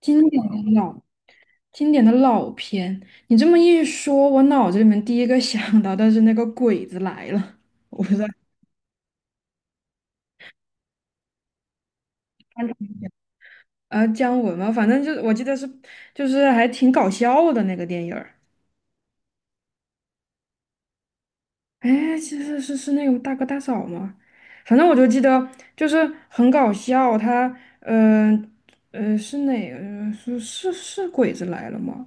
经典的老经典的老片，你这么一说，我脑子里面第一个想到的是那个《鬼子来了》，我不知道。姜文嘛，反正就是我记得是，就是还挺搞笑的那个电影儿。哎，其实是那个大哥大嫂吗？反正我就记得就是很搞笑，他嗯是哪个是鬼子来了吗？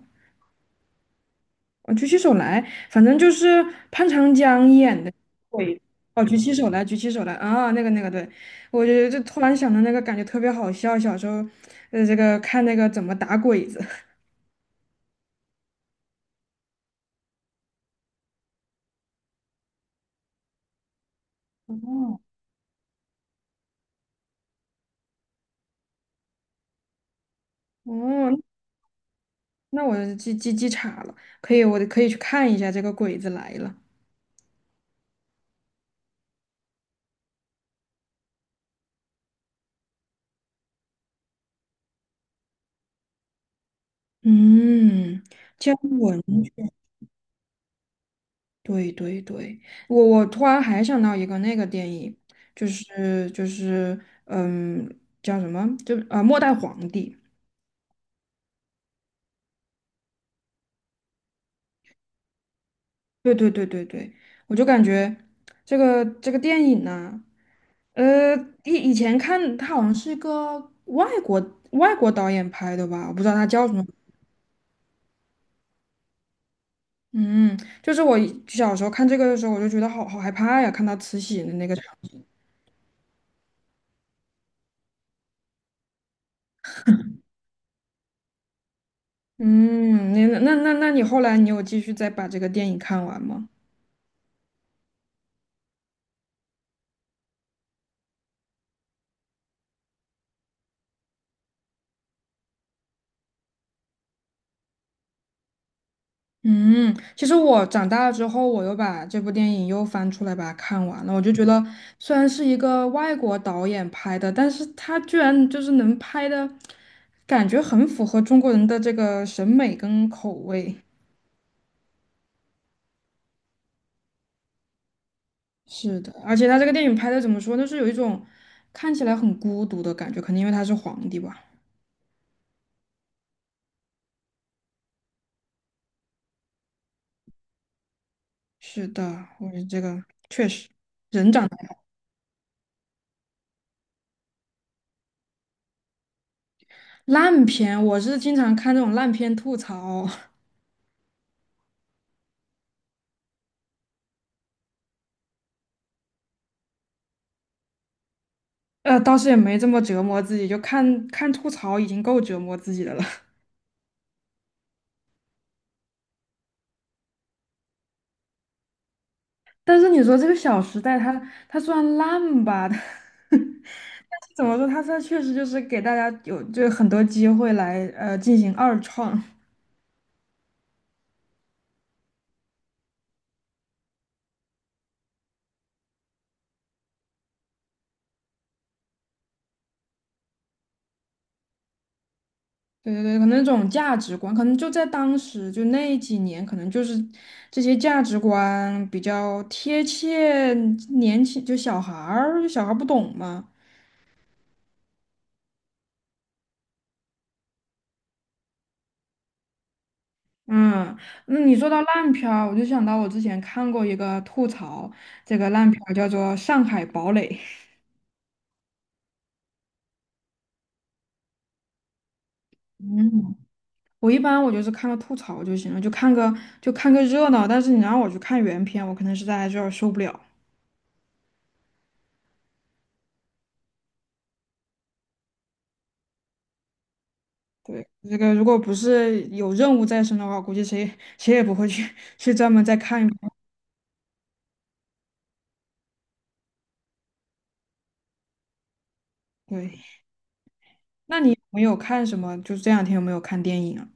我举起手来，反正就是潘长江演的。鬼。哦，举起手来，举起手来啊，那个，对，我就突然想到那个，感觉特别好笑。小时候，这个看那个怎么打鬼子。哦哦，那我记岔了，可以，我可以去看一下这个《鬼子来了》。嗯，姜文，嗯，对对对，我突然还想到一个那个电影，就是嗯，叫什么？末代皇帝》。对对对对对，我就感觉这个电影呢，呃，以前看它好像是一个外国导演拍的吧，我不知道他叫什么。嗯，就是我一小时候看这个的时候，我就觉得好害怕呀，看到慈禧的那个场。嗯，那你后来你有继续再把这个电影看完吗？嗯，其实我长大了之后，我又把这部电影又翻出来把它看完了。我就觉得，虽然是一个外国导演拍的，但是他居然就是能拍的感觉很符合中国人的这个审美跟口味。是的，而且他这个电影拍的怎么说，就是有一种看起来很孤独的感觉，可能因为他是皇帝吧。是的，我觉得这个确实人长得。烂片，我是经常看这种烂片吐槽。倒是也没这么折磨自己，就看看吐槽已经够折磨自己的了。但是你说这个《小时代》它虽然烂吧，但是怎么说，它确实就是给大家有就很多机会来进行二创。对对对，可能这种价值观，可能就在当时就那几年，可能就是这些价值观比较贴切年轻，就小孩儿不懂嘛。嗯，那你说到烂片儿，我就想到我之前看过一个吐槽，这个烂片儿叫做《上海堡垒》。嗯，我一般我就是看个吐槽就行了，就看个热闹。但是你让我去看原片，我可能实在有点受不了。对，这个如果不是有任务在身的话，估计谁也不会去 去专门再看一遍。对，那你有没有看什么？就是这两天有没有看电影啊？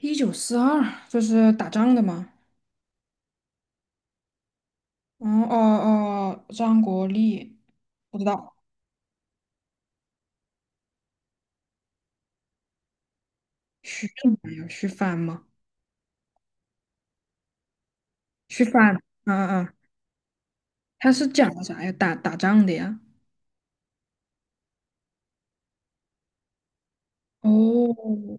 一九四二，就是打仗的吗？嗯，哦哦，张国立，不知道。徐什么呀？徐帆吗？徐帆，啊啊啊！他是讲的啥呀？打仗的呀？哦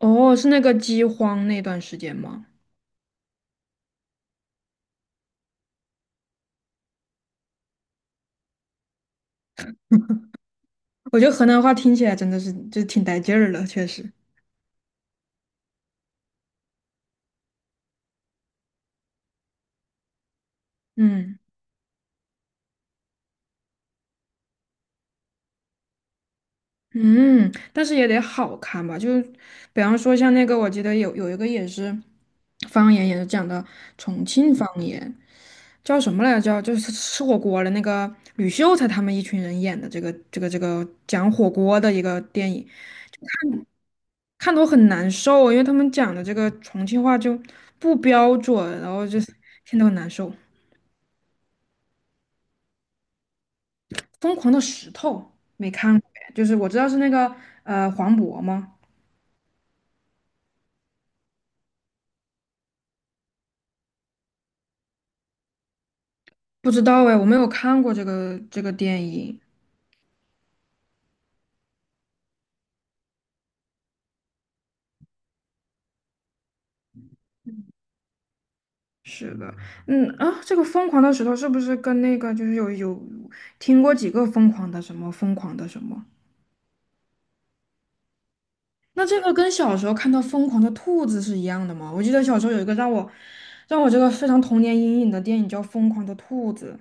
哦，是那个饥荒那段时间吗？我觉得河南话听起来真的是就挺带劲儿的，确实。嗯嗯，但是也得好看吧？就比方说像那个，我记得有一个也是方言，也是讲的重庆方言，叫什么来着？叫就是吃火锅的那个吕秀才他们一群人演的这个讲火锅的一个电影。看得我很难受，因为他们讲的这个重庆话就不标准，然后就是听得很难受。疯狂的石头没看过哎，就是我知道是那个，黄渤吗？不知道哎，我没有看过这个电影。是的，嗯啊，这个疯狂的石头是不是跟那个就是有听过几个疯狂的什么疯狂的什么？那这个跟小时候看到疯狂的兔子是一样的吗？我记得小时候有一个让我这个非常童年阴影的电影叫《疯狂的兔子》。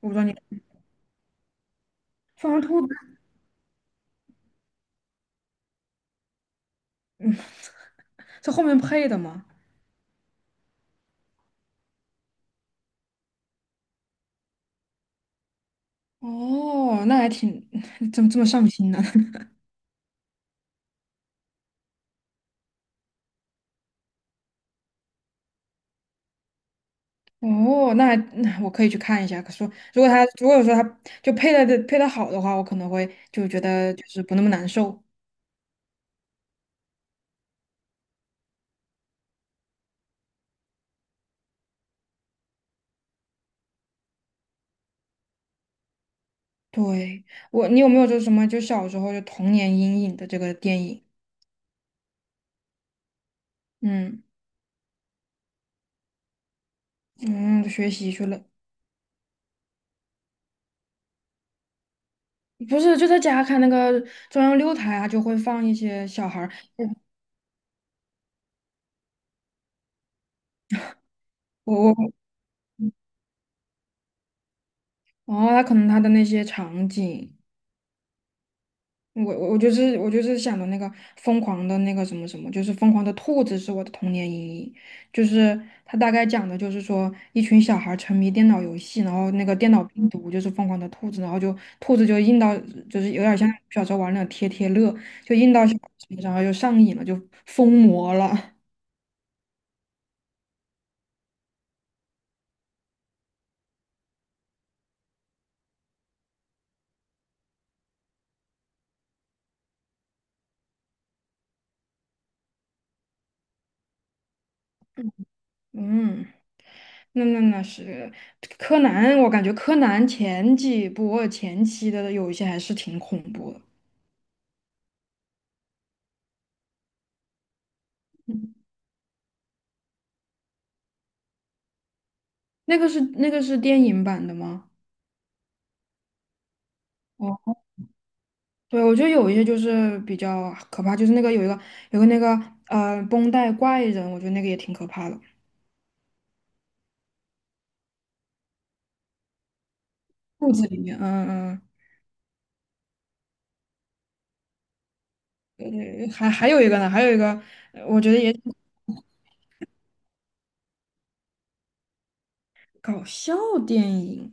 我不知道你。放上兔子在后面配的吗？哦，那还挺，怎么这么上心呢？哦，那我可以去看一下。可说，如果说他就配的好的话，我可能会就觉得就是不那么难受。对，你有没有就什么就小时候就童年阴影的这个电影？嗯嗯，学习去了，不是就在家看那个中央六台啊，就会放一些小孩儿，我我哦，他可能他的那些场景。我就是想的那个疯狂的那个什么什么，就是疯狂的兔子是我的童年阴影，就是它大概讲的就是说一群小孩儿沉迷电脑游戏，然后那个电脑病毒就是疯狂的兔子，然后就兔子就印到就是有点像小时候玩那种贴贴乐，就印到小孩身上，然后就上瘾了，就疯魔了。嗯，那是柯南，我感觉柯南前几部前期的有一些还是挺恐怖的。那个是电影版的吗？哦，对，我觉得有一些就是比较可怕，就是那个有个那个绷带怪人，我觉得那个也挺可怕的，肚子里面，嗯嗯，嗯，还有一个呢，还有一个，我觉得也挺搞笑电影，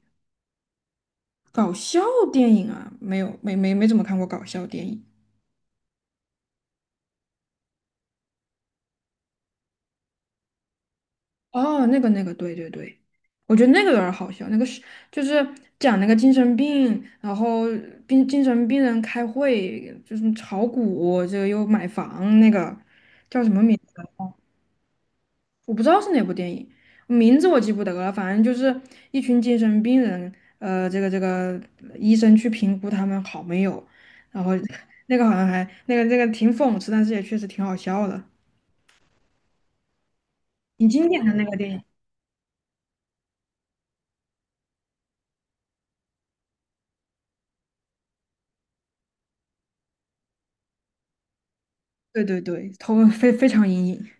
搞笑电影，啊，没有没没没怎么看过搞笑电影。哦，那个，对对对，我觉得那个有点儿好笑，就是讲那个精神病，然后精神病人开会，就是炒股，这个又买房，那个叫什么名？我不知道是哪部电影，名字我记不得了，反正就是一群精神病人，这个医生去评估他们好没有，然后 那个好像还那个挺讽刺，但是也确实挺好笑的，挺经典的那个电影。对对对，头非常阴影，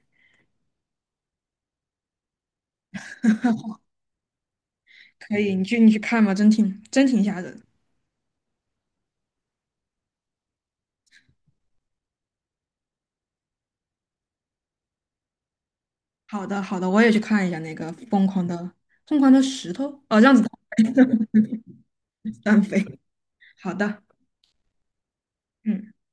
可以，你去看吧，真挺吓人。好的好的，我也去看一下那个疯狂的石头，哦，让子弹飞。好的，嗯。